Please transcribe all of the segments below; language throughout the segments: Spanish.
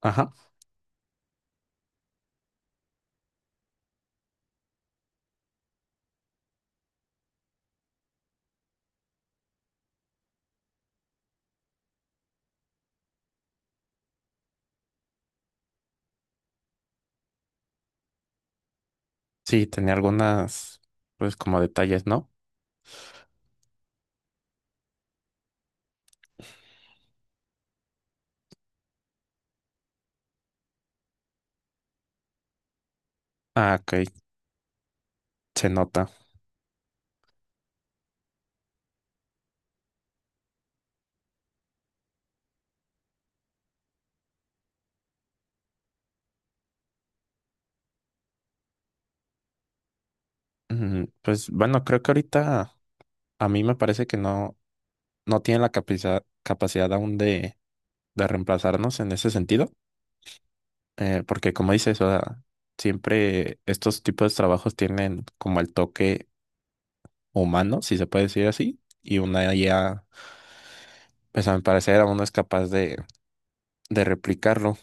Ajá. Sí, tenía algunas, pues como detalles, ¿no? Ah, ok, se nota. Pues bueno, creo que ahorita a mí me parece que no, no tiene la capacidad aún de reemplazarnos en ese sentido, porque como dices, o sea, siempre estos tipos de trabajos tienen como el toque humano, si se puede decir así, y una IA, pues a mi parecer aún no es capaz de replicarlo.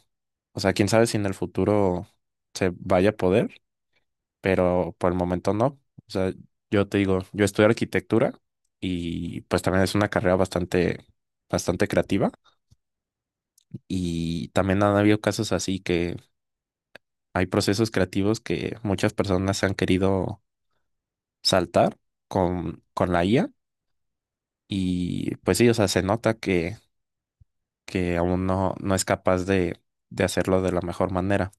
O sea, quién sabe si en el futuro se vaya a poder, pero por el momento no. O sea, yo te digo, yo estudio arquitectura y pues también es una carrera bastante creativa y también han habido casos así que hay procesos creativos que muchas personas han querido saltar con la IA y pues sí, o sea, se nota que aún no, no es capaz de hacerlo de la mejor manera.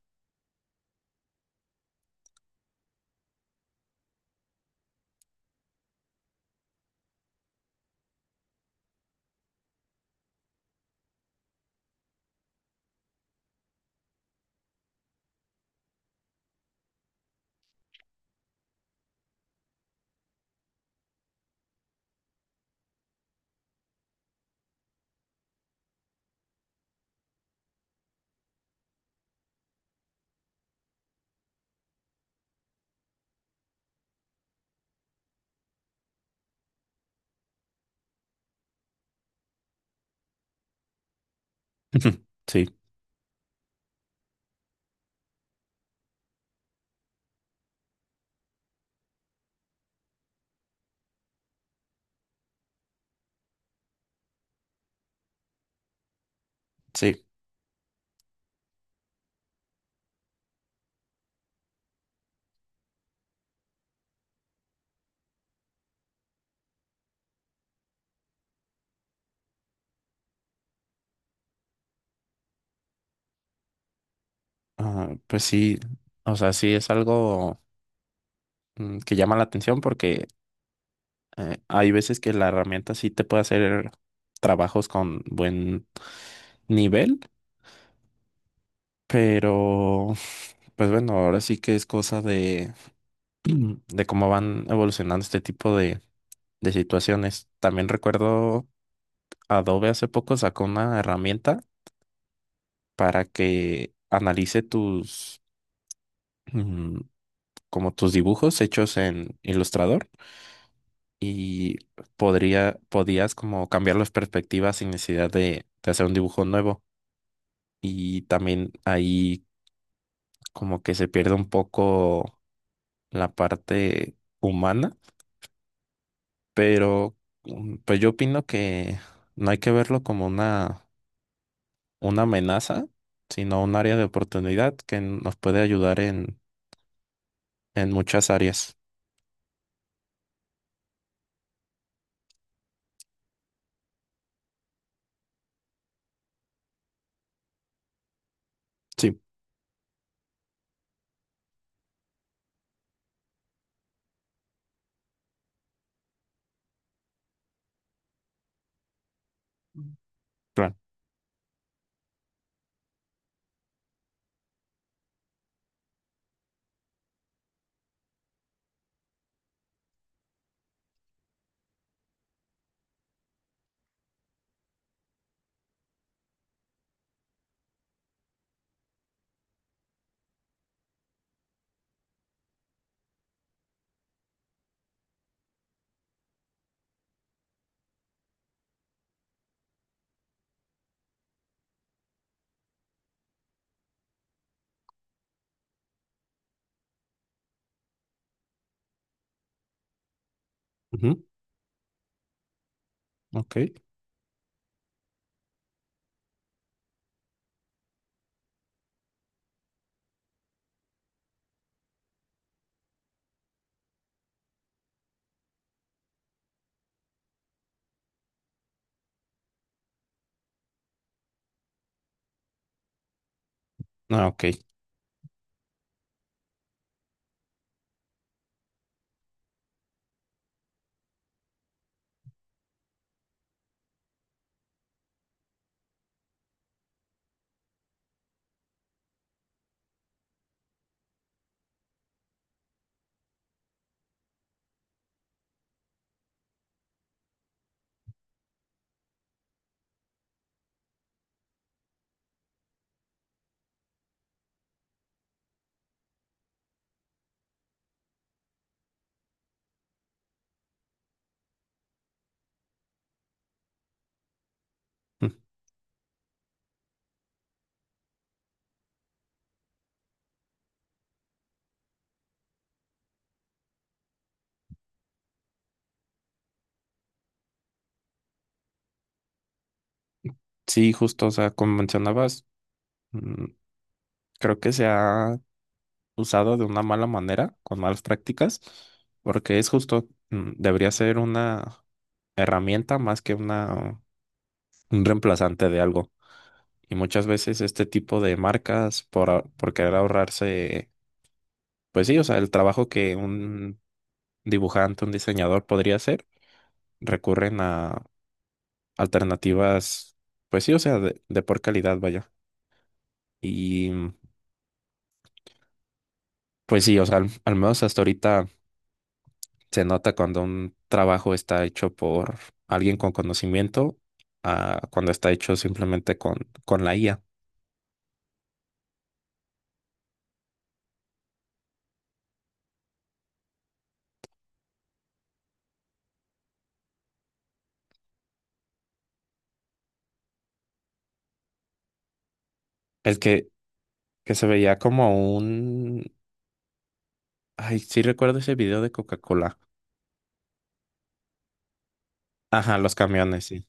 Sí, sí. Ah, pues sí, o sea, sí es algo que llama la atención porque hay veces que la herramienta sí te puede hacer trabajos con buen nivel, pero pues bueno, ahora sí que es cosa de cómo van evolucionando este tipo de situaciones. También recuerdo Adobe hace poco sacó una herramienta para que analice tus, mm, como tus dibujos hechos en Illustrator y podías como cambiar las perspectivas sin necesidad de hacer un dibujo nuevo. Y también ahí como que se pierde un poco la parte humana, pero pues yo opino que no hay que verlo como una amenaza, sino un área de oportunidad que nos puede ayudar en muchas áreas. Sí, claro. Ujú, ok. Ah, ok. Mm. Sí, justo, o sea, como mencionabas, mm, creo que se ha usado de una mala manera, con malas prácticas, porque es justo, debería ser una herramienta más que una, un reemplazante de algo. Y muchas veces este tipo de marcas, por querer ahorrarse, pues sí, o sea, el trabajo que un dibujante, un diseñador podría hacer, recurren a alternativas, pues sí, o sea, de por calidad, vaya. Y pues sí, o sea, al menos hasta ahorita se nota cuando un trabajo está hecho por alguien con conocimiento a cuando está hecho simplemente con la IA. El que, que se veía como un... Ay, sí recuerdo ese video de Coca-Cola. Ajá, los camiones, sí.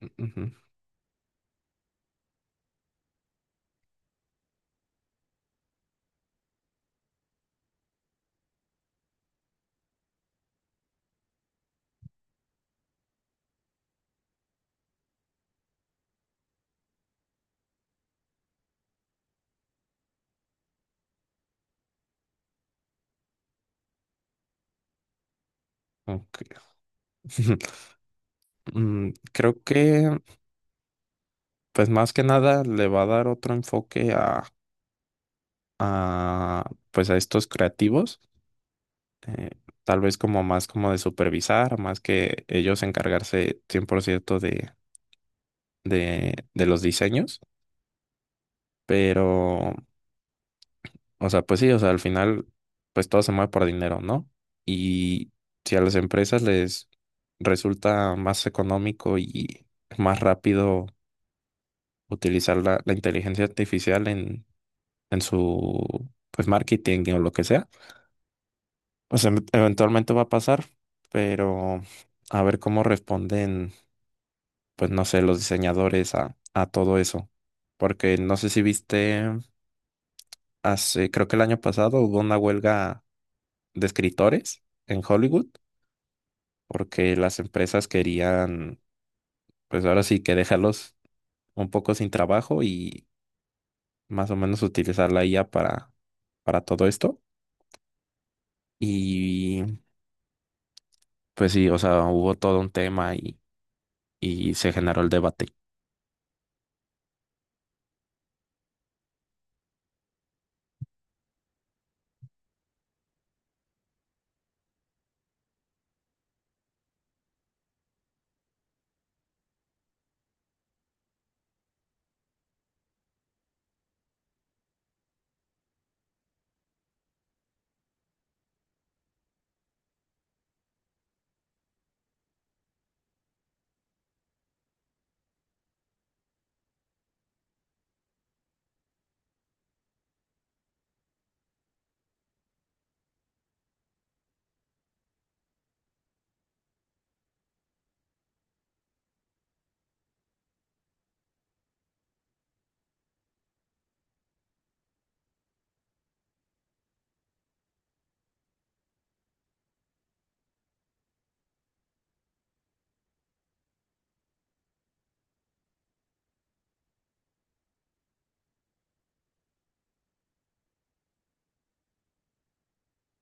Ujú, ok. Mm, creo que, pues más que nada, le va a dar otro enfoque a, pues a estos creativos. eh, Tal vez como más como de supervisar, más que ellos encargarse 100% de los diseños. Pero o sea, pues sí, o sea, al final, pues todo se mueve por dinero, ¿no? Y si a las empresas les resulta más económico y más rápido utilizar la inteligencia artificial en su, pues, marketing o lo que sea, pues eventualmente va a pasar, pero a ver cómo responden, pues, no sé, los diseñadores a todo eso. Porque no sé si viste, hace, creo que el año pasado hubo una huelga de escritores en Hollywood porque las empresas querían, pues ahora sí que dejarlos un poco sin trabajo y más o menos utilizar la IA para todo esto. Y pues sí, o sea, hubo todo un tema y se generó el debate.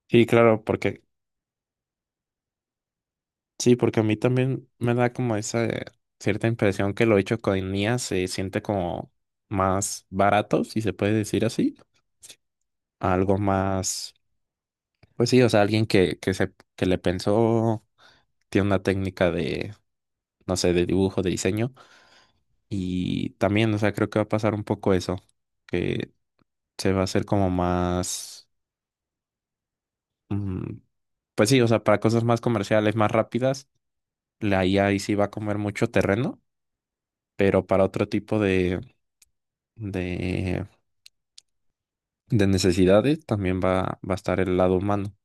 Sí, claro, porque sí, porque a mí también me da como esa cierta impresión que lo hecho con IA se siente como más barato, si se puede decir así, algo más, pues sí, o sea, alguien que le pensó, tiene una técnica de no sé, de dibujo, de diseño. Y también, o sea, creo que va a pasar un poco eso, que se va a hacer como más, mm, pues sí, o sea, para cosas más comerciales, más rápidas, la IA ahí sí va a comer mucho terreno, pero para otro tipo de, de necesidades también va a estar el lado humano.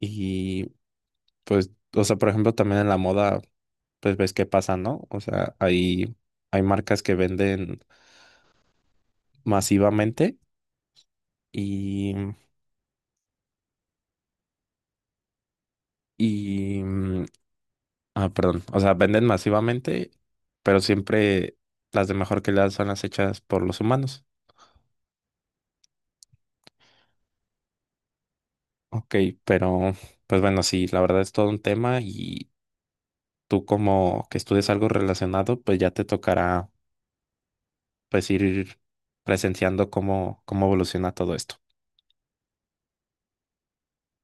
Y pues, o sea, por ejemplo, también en la moda, pues ves qué pasa, ¿no? O sea, hay marcas que venden masivamente y, y, mm, ah, perdón. O sea, venden masivamente, pero siempre las de mejor calidad son las hechas por los humanos. Ok, pero pues bueno, sí, la verdad es todo un tema y tú como que estudias algo relacionado, pues ya te tocará pues ir presenciando cómo evoluciona todo esto.